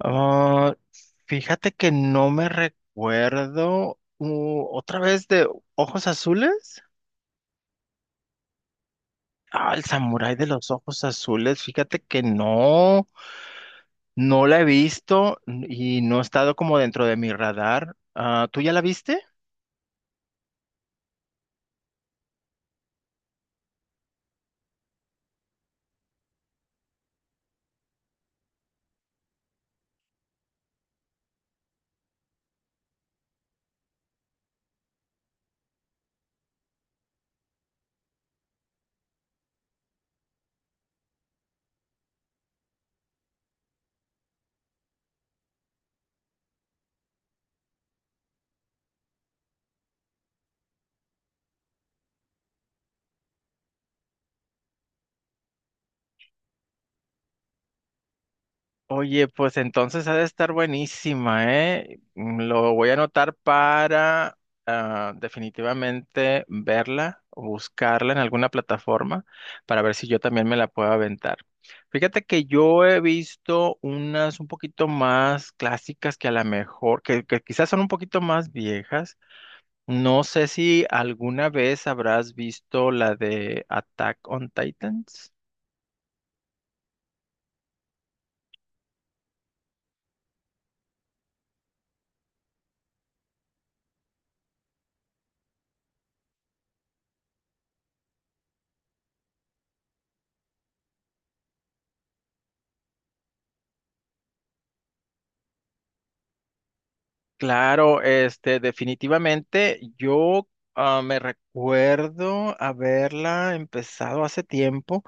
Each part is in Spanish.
Ah, fíjate que no me recuerdo otra vez de Ojos Azules. Ah, el samurái de los ojos azules. Fíjate que no, no la he visto y no ha estado como dentro de mi radar. Ah, ¿tú ya la viste? Oye, pues entonces ha de estar buenísima, ¿eh? Lo voy a anotar para definitivamente verla, o buscarla en alguna plataforma para ver si yo también me la puedo aventar. Fíjate que yo he visto unas un poquito más clásicas que a lo mejor, que quizás son un poquito más viejas. No sé si alguna vez habrás visto la de Attack on Titans. Claro, este, definitivamente yo me recuerdo haberla empezado hace tiempo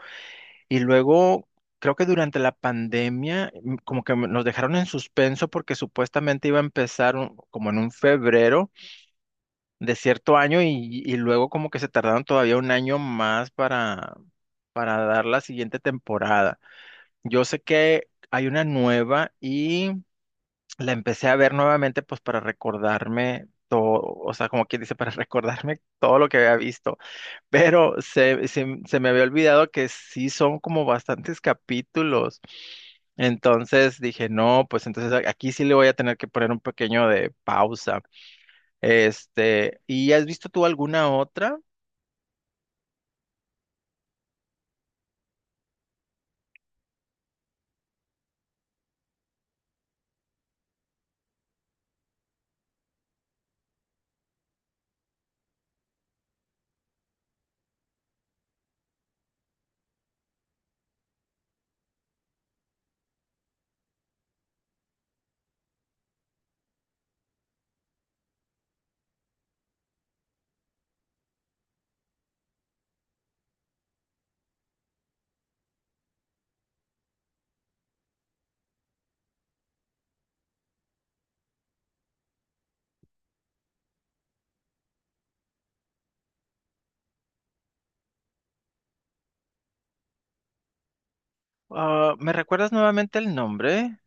y luego creo que durante la pandemia como que nos dejaron en suspenso porque supuestamente iba a empezar como en un febrero de cierto año y luego como que se tardaron todavía un año más para dar la siguiente temporada. Yo sé que hay una nueva, la empecé a ver nuevamente pues para recordarme todo, o sea, como quien dice, para recordarme todo lo que había visto, pero se me había olvidado que sí son como bastantes capítulos. Entonces dije, no, pues entonces aquí sí le voy a tener que poner un pequeño de pausa. Este, ¿y has visto tú alguna otra? Ah, ¿me recuerdas nuevamente el nombre?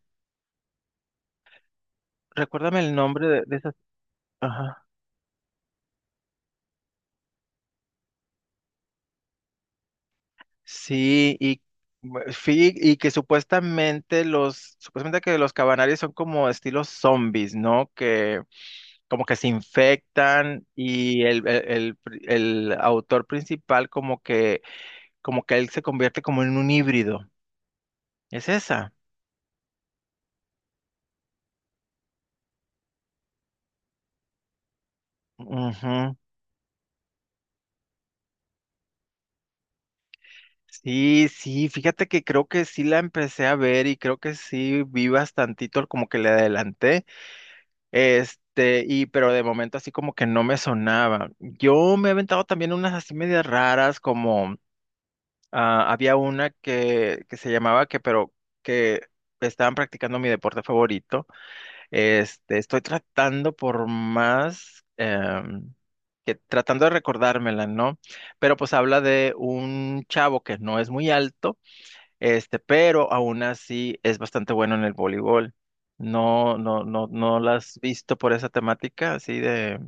Recuérdame el nombre de esas. Sí, y, sí, y que supuestamente los, supuestamente que los cabanarios son como estilos zombies, ¿no? Que como que se infectan y el autor principal como que él se convierte como en un híbrido. ¿Es esa? Ujú. Sí, sí, fíjate que creo que sí la empecé a ver y creo que sí vi bastantito, como que le adelanté. Este, y pero de momento así como que no me sonaba. Yo me he aventado también unas así medias raras, como había una que se llamaba que, pero que estaban practicando mi deporte favorito. Este, estoy tratando por más que tratando de recordármela, ¿no? Pero pues habla de un chavo que no es muy alto, este, pero aún así es bastante bueno en el voleibol. No, no, no, no la has visto por esa temática, así de,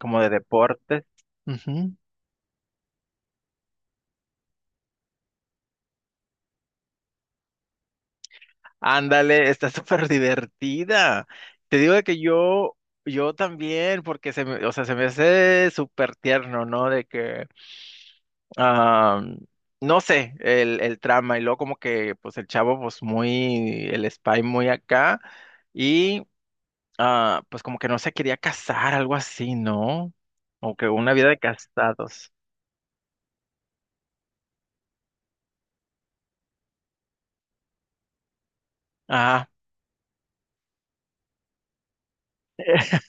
como de deportes. Ujú. Ándale, está súper divertida. Te digo de que yo también, porque se me, o sea, se me hace súper tierno, ¿no? De que, ah, no sé, el trama, y luego como que, pues el chavo, pues muy, el spy muy acá. Y pues como que no se quería casar, algo así, ¿no? O que una vida de casados. Ah,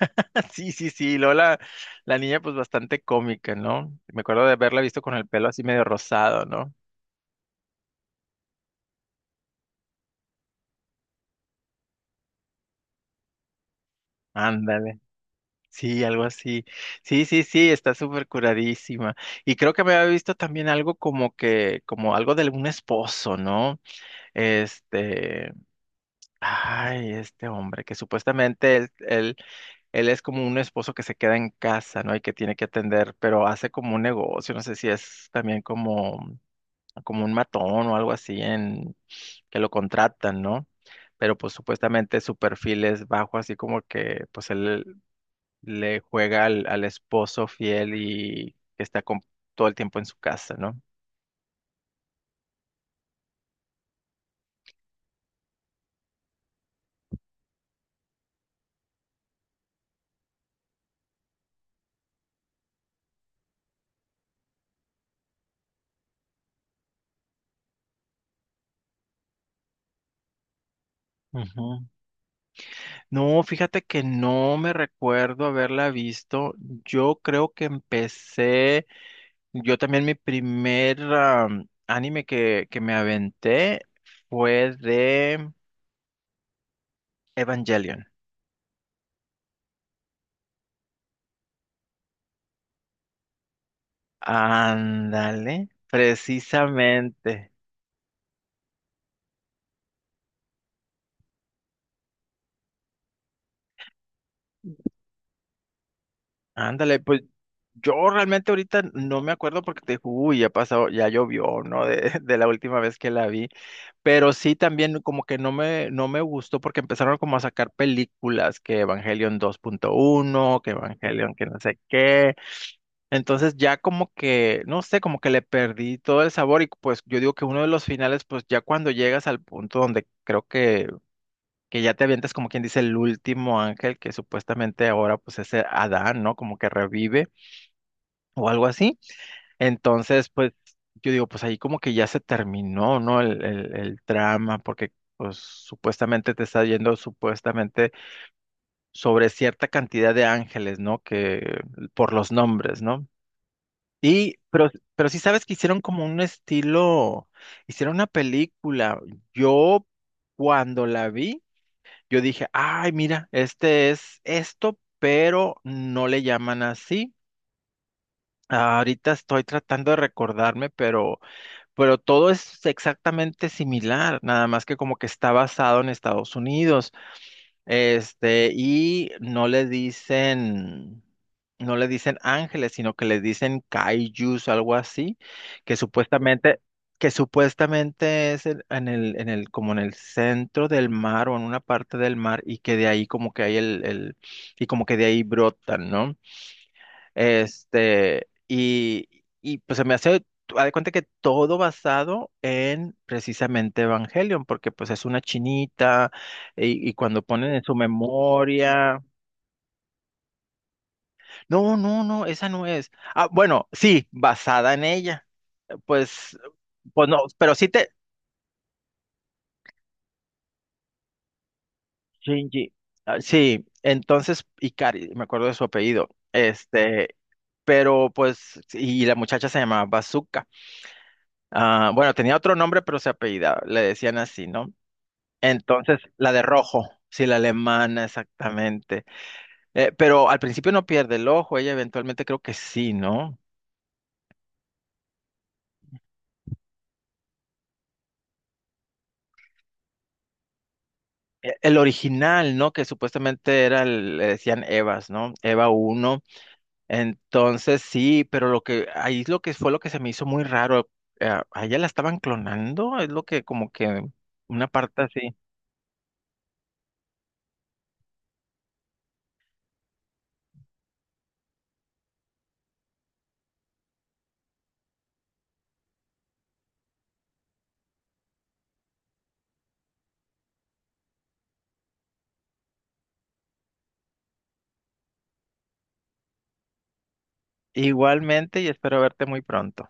sí, sí, sí. Luego la niña, pues bastante cómica, ¿no? Me acuerdo de haberla visto con el pelo así medio rosado, ¿no? Ándale. Sí, algo así. Sí, sí, sí, está súper curadísima. Y creo que me había visto también algo como que, como algo de algún esposo, ¿no? Este, ay, este hombre, que supuestamente él él es como un esposo que se queda en casa, ¿no? Y que tiene que atender, pero hace como un negocio, no sé si es también como, como un matón o algo así en que lo contratan, ¿no? Pero pues supuestamente su perfil es bajo, así como que pues él le juega al esposo fiel y que está todo el tiempo en su casa, ¿no? Ujú. No, fíjate que no me recuerdo haberla visto. Yo creo que empecé. Yo también mi primer anime que me aventé fue de Evangelion. Ándale, precisamente. Ándale, pues yo realmente ahorita no me acuerdo porque te digo, uy, ya pasado, ya llovió, ¿no? De, de la última vez que la vi. Pero sí también como que no me, no me gustó porque empezaron como a sacar películas, que Evangelion 2.1, que Evangelion que no sé qué. Entonces ya como que, no sé, como que le perdí todo el sabor y pues yo digo que uno de los finales, pues ya cuando llegas al punto donde creo que ya te avientas como quien dice el último ángel que supuestamente ahora pues es Adán, ¿no? Como que revive o algo así. Entonces pues yo digo pues ahí como que ya se terminó, ¿no? El drama porque pues supuestamente te está yendo supuestamente sobre cierta cantidad de ángeles, ¿no? Que por los nombres, ¿no? Y, pero, pero sí sabes que hicieron como un estilo, hicieron una película. Yo cuando la vi, yo dije, ay, mira, este es esto, pero no le llaman así. Ahorita estoy tratando de recordarme, pero todo es exactamente similar, nada más que como que está basado en Estados Unidos. Este, y no le dicen, no le dicen ángeles, sino que les dicen kaijus, algo así, que supuestamente, que supuestamente es en, como en el centro del mar o en una parte del mar, y que de ahí como que hay y como que de ahí brotan, ¿no? Este, y pues se me hace, haz de cuenta que todo basado en precisamente Evangelion, porque pues es una chinita y cuando ponen en su memoria, no, no, no, esa no es. Ah, bueno, sí, basada en ella. Pues, pues no, pero sí te, Shinji, ah, sí, entonces, Ikari, me acuerdo de su apellido, este, pero pues, y la muchacha se llamaba Bazooka. Ah, bueno, tenía otro nombre, pero se apellidaba, le decían así, ¿no? Entonces, la de rojo, sí, la alemana, exactamente. Pero al principio no pierde el ojo, ella eventualmente creo que sí, ¿no? El original, ¿no? Que supuestamente era, le decían Evas, ¿no? Eva uno. Entonces, sí, pero lo que, ahí es lo que fue lo que se me hizo muy raro. A ella la estaban clonando, es lo que como que una parte así. Igualmente y espero verte muy pronto.